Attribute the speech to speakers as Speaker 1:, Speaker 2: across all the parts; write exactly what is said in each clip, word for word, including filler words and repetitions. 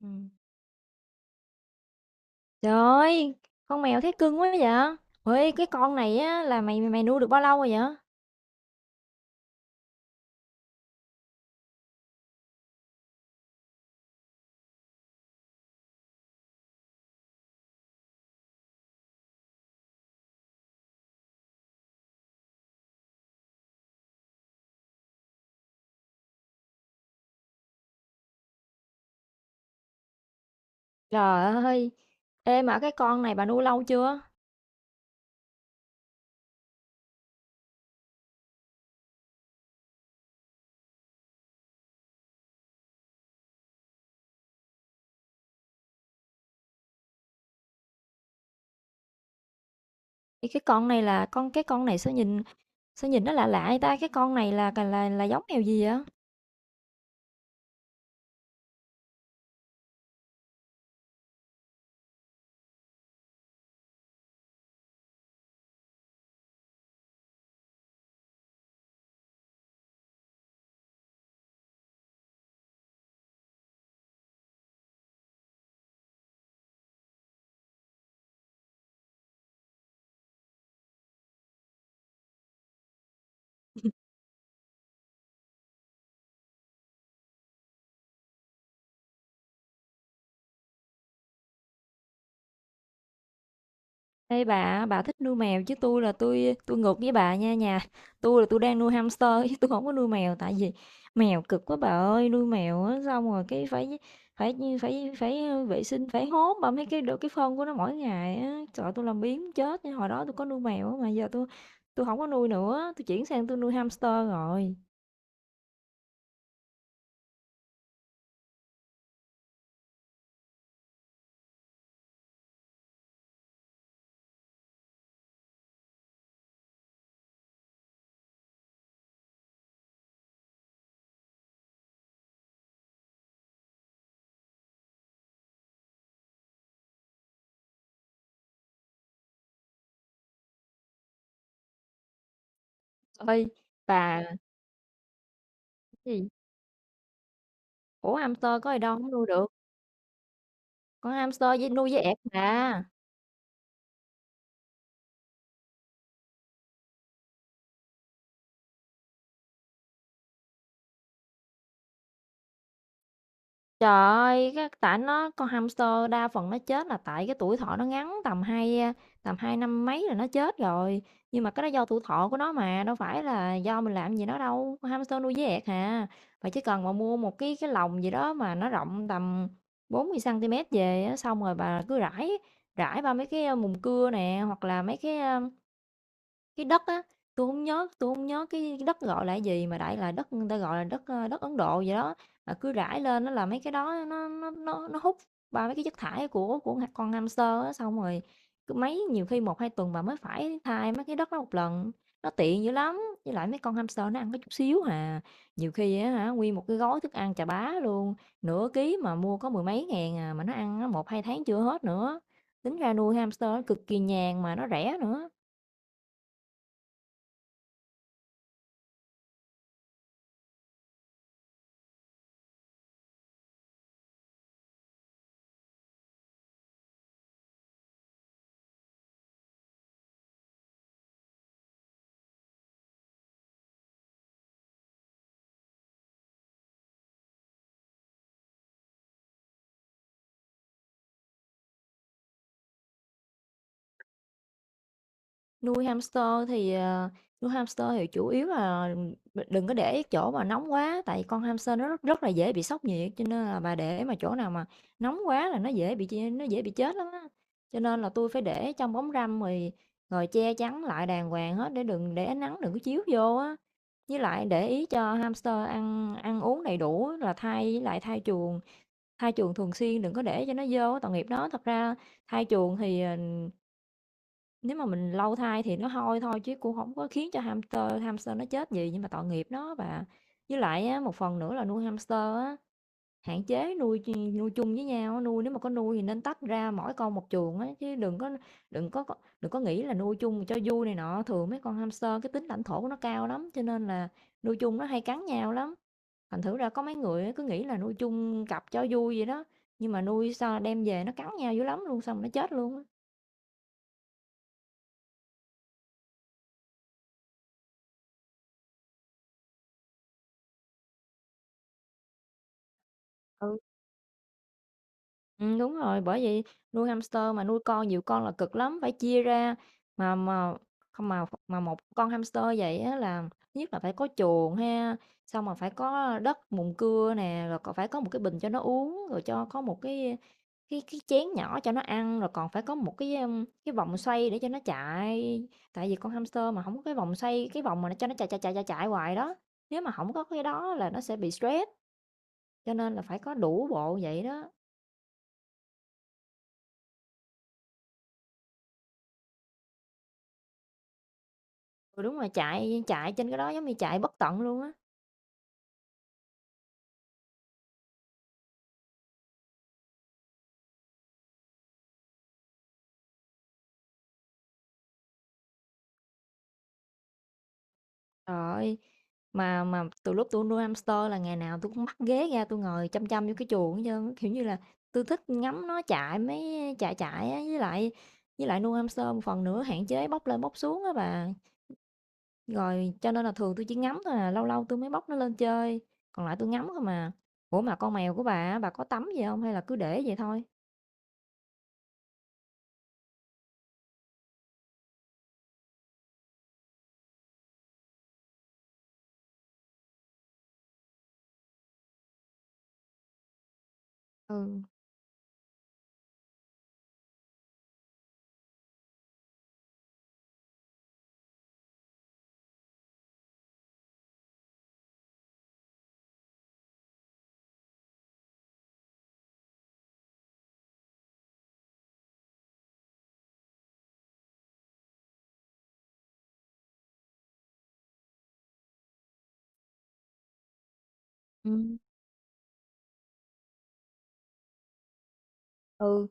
Speaker 1: Ừm. Trời ơi! Con mèo thấy cưng quá vậy! Ê, cái con này á là mày mày nuôi được bao lâu rồi vậy? Trời ơi! Ê, mà cái con này bà nuôi lâu chưa? Ê, cái con này là con cái con này sao nhìn sao nhìn nó lạ lạ vậy ta? Cái con này là là, là giống mèo gì vậy? Ê bà, bà thích nuôi mèo chứ tôi là tôi tôi ngược với bà nha nhà. Tôi là tôi đang nuôi hamster chứ tôi không có nuôi mèo, tại vì mèo cực quá bà ơi. Nuôi mèo á, xong rồi cái phải phải phải phải vệ sinh, phải hốt bà mấy cái được cái phân của nó mỗi ngày á. Trời ơi, tôi làm biếng chết nha. Hồi đó tôi có nuôi mèo á, mà giờ tôi tôi không có nuôi nữa, tôi chuyển sang tôi nuôi hamster rồi. Ơi bà, cái gì? Ủa hamster có gì đâu không nuôi được. Con hamster với nuôi với ẹt bà. Trời ơi, cái tại nó, con hamster đa phần nó chết là tại cái tuổi thọ nó ngắn, tầm hai, tầm hai năm mấy là nó chết rồi. Nhưng mà cái đó do tuổi thọ của nó mà, đâu phải là do mình làm gì nó đâu, con hamster nuôi dễ ẹc hà. Bạn chỉ cần mà mua một cái cái lồng gì đó mà nó rộng tầm bốn mươi xăng ti mét về á, xong rồi bà cứ rải, rải ba mấy cái, mùng cưa nè, hoặc là mấy cái, cái đất á, tôi không nhớ tôi không nhớ cái cái đất gọi là cái gì, mà đại là đất người ta gọi là đất, ơ, đất Ấn Độ gì đó, mà cứ rải lên nó là mấy cái đó nó nó nó nó hút ba mấy cái chất thải của của ha- con hamster á. Xong rồi cứ mấy nhiều khi một hai tuần bà mới phải thay mấy cái đất đó một lần, nó tiện dữ lắm. Với lại mấy con hamster nó ăn có chút xíu hà, nhiều khi á hả, nguyên một cái gói thức ăn chà bá luôn, nửa ký mà mua có mười mấy ngàn à, mà nó ăn á một hai tháng chưa hết nữa. Tính ra nuôi hamster cực kỳ nhàn mà nó rẻ nữa. Nuôi hamster thì, ờ, Nuôi hamster thì chủ yếu là đừng có để chỗ mà nóng quá, tại con hamster nó rất rất là dễ bị sốc nhiệt, cho nên là bà để mà chỗ nào mà nóng quá là nó dễ bị ch nó dễ bị chết lắm á. Cho nên là tôi phải để trong bóng râm, rồi rồi che chắn lại đàng hoàng hết để đừng để ánh nắng đừng có chiếu vô á. Với lại để ý cho hamster ăn ăn uống đầy đủ á, là thay với lại thay chuồng, thay chuồng thường xuyên, đừng có để cho nó vô á, tội nghiệp nó. Thật ra thay chuồng thì, ờ nếu mà mình lâu thai thì nó hôi thôi, chứ cũng không có khiến cho hamster hamster nó chết gì, nhưng mà tội nghiệp nó. Và với lại á, một phần nữa là nuôi hamster á, hạn chế nuôi ch nuôi chung với nhau á, nuôi nếu mà có nuôi thì nên tách ra mỗi con một chuồng á, chứ đừng có đừng có đừng có nghĩ là nuôi chung cho vui này nọ. Thường mấy con hamster cái tính lãnh thổ của nó cao lắm, cho nên là nuôi chung nó hay cắn nhau lắm. Thành thử ra có mấy người á, cứ nghĩ là nuôi chung cặp cho vui vậy đó, nhưng mà nuôi sao đem về nó cắn nhau dữ lắm luôn, xong rồi nó chết luôn á. Ừ. Ừm, đúng rồi, bởi vậy nuôi hamster mà nuôi con nhiều con là cực lắm, phải chia ra. Mà mà không mà mà một con hamster vậy á là thứ nhất là phải có chuồng ha, xong rồi phải có đất mùn cưa nè, rồi còn phải có một cái bình cho nó uống, rồi cho có một cái cái cái chén nhỏ cho nó ăn, rồi còn phải có một cái, ưm, cái vòng xoay để cho nó chạy. Tại vì con hamster mà không có cái vòng xoay, cái vòng mà nó cho nó chạy, chạy, chạy, chạy, chạy hoài đó, nếu mà không có cái đó là nó sẽ bị stress, cho nên là phải có đủ bộ vậy đó. Ừ, đúng rồi, chạy chạy trên cái đó giống như chạy bất tận luôn á. Trời ơi, mà mà từ lúc tôi nuôi hamster là ngày nào tôi cũng bắt ghế ra tôi ngồi chăm chăm vô cái chuồng hết trơn á, kiểu như là, tôi thích ngắm nó chạy mấy chạy chạy á, với lại với lại nuôi hamster một phần nữa hạn chế bốc lên bốc xuống á bà. Rồi cho nên là thường tôi chỉ ngắm thôi à, lâu lâu tôi mới bốc nó lên chơi, còn lại tôi ngắm thôi mà. Ủa, mà con mèo của bà á, bà có tắm gì không hay là cứ để vậy thôi? Ừ. Ừm. Ừ.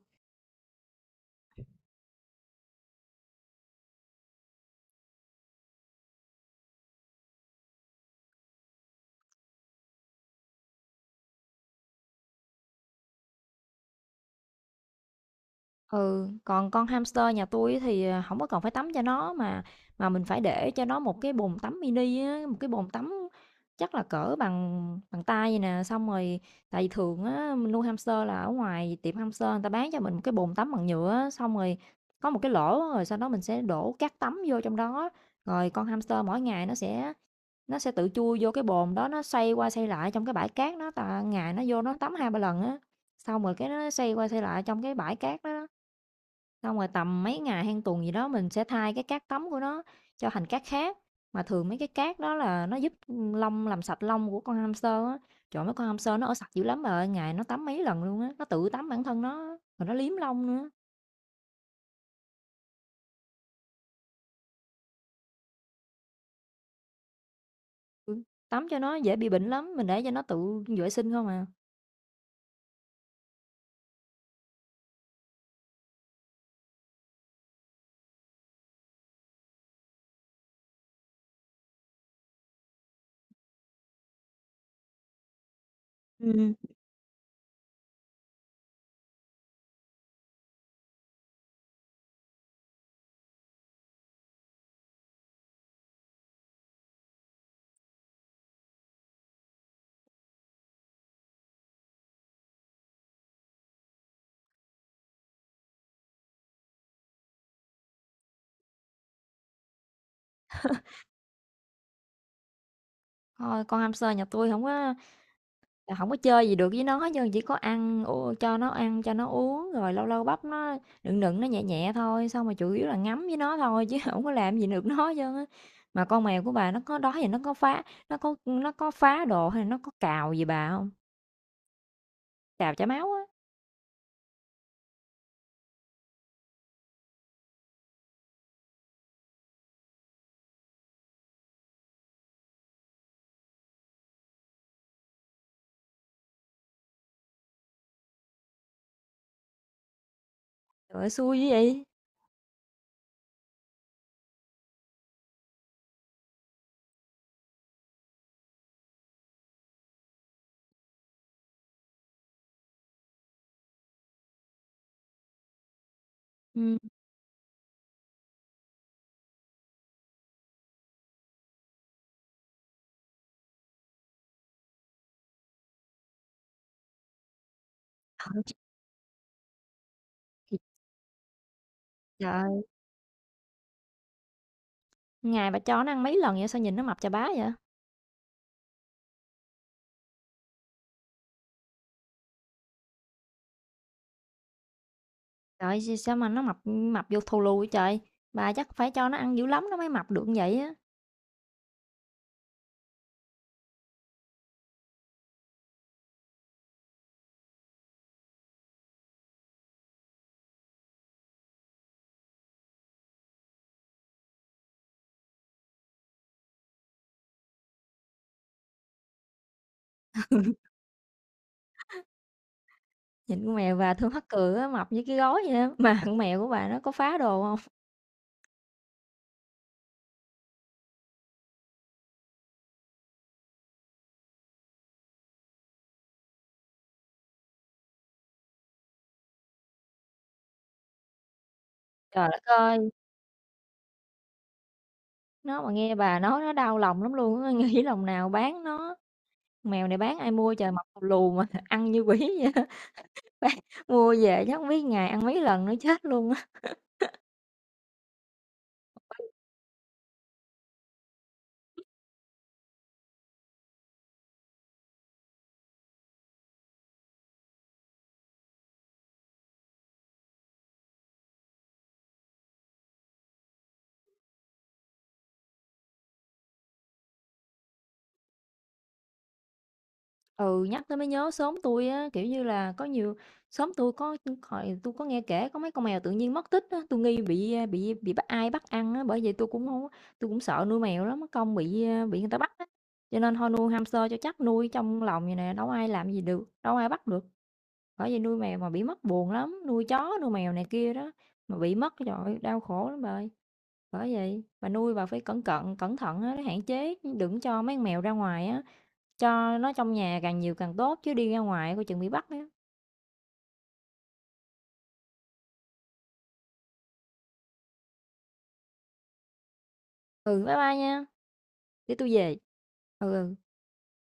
Speaker 1: Ừ, còn con hamster nhà tôi á thì, ờ, hổng có cần phải tắm cho nó, mà mà mình phải để cho nó một cái bồn tắm mini á, một cái bồn tắm chắc là cỡ bằng bằng tay vậy nè, xong rồi tại vì thường á mình nuôi hamster là ở ngoài tiệm hamster người ta bán cho mình một cái bồn tắm bằng nhựa á, xong rồi có một cái lỗ á, rồi sau đó mình sẽ đổ cát tắm vô trong đó, rồi con hamster mỗi ngày nó sẽ nó sẽ tự chui vô cái bồn đó, nó xoay qua xoay lại trong cái bãi cát đó, tại ngày nó vô nó tắm hai ba lần á, xong rồi cái nó xoay qua xoay lại trong cái bãi cát đó. Xong rồi tầm mấy ngày hay tuần gì đó mình sẽ thay cái cát tắm của nó cho thành cát khác. Mà thường mấy cái cát đó là nó giúp lông làm sạch lông của con hamster á. Trời mấy con hamster nó ở sạch dữ lắm bà ơi, ngày nó tắm mấy lần luôn á, nó tự tắm bản thân nó á, rồi nó liếm lông nữa. Ừ, tắm cho nó dễ bị bệnh lắm, mình để cho nó tự vệ sinh không à. Ừ. Thôi con hamster nhà tôi không có. Là hổng có chơi gì được với nó hết trơn, chỉ có ăn u cho nó ăn, cho nó uống, rồi lâu lâu bắp nó, nựng nựng nó nhẹ nhẹ thôi, xong rồi chủ yếu là ngắm với nó thôi chứ hổng có làm gì được nó hết trơn á. Mà con mèo của bà nó có đó giờ nó có phá nó có nó có phá đồ hay là nó có cào gì bà hông? Cào chảy máu á. Trời ơi, xui dữ vậy! Ừm. Trời, chết thiệt trời! Ngày bà cho nó ăn mấy lần vậy, sao nhìn nó mập chà bá vậy? Trời ơi, s sao mà nó mập mập vô thù lù vậy trời? Bà chắc phải cho nó ăn dữ lắm nó mới mập được như vậy á. Nhìn con mèo và Thương Hắc Cừ á, mập như cái gối vậy á, mà con mèo của bà nó có phá đồ hông? Trời đất ơi, nó mà nghe bà nói nó đau lòng lắm luôn á, nghĩ lòng nào bán nó, mèo này bán ai mua trời, mập lù lù mà ăn như quỷ vậy á, bán mua về chắc hông biết ngày ăn mấy lần nữa chết luôn á. Ừ, nhắc tới mới nhớ xóm tôi á, kiểu như là, có nhiều xóm tôi có hồi tôi có nghe kể có mấy con mèo tự nhiên mất tích á, tôi nghi bị, a, bị bị bắt, ai bắt ăn á, bởi vậy tôi cũng hông tui cũng sợ nuôi mèo lắm, mất công bị, a, bị người ta bắt á. Cho nên thôi nuôi hamster cho chắc, nuôi trong lòng vầy nè, đâu ai làm gì được, đâu ai bắt được. Bởi vậy nuôi mèo mà bị mất buồn lắm, nuôi chó, nuôi mèo này kia đó, mà bị mất, trời ơi, đau khổ lắm bà ơi. Bởi vậy bà nuôi bà phải cẩn cận, cẩn thận á, để hạn chế, đừng cho mấy con mèo ra ngoài á. Cho nó trong nhà càng nhiều càng tốt chứ đi ra ngoài coi chừng bị bắt á. Ừ, bye bye nha, để tôi về. Ừ, ừ.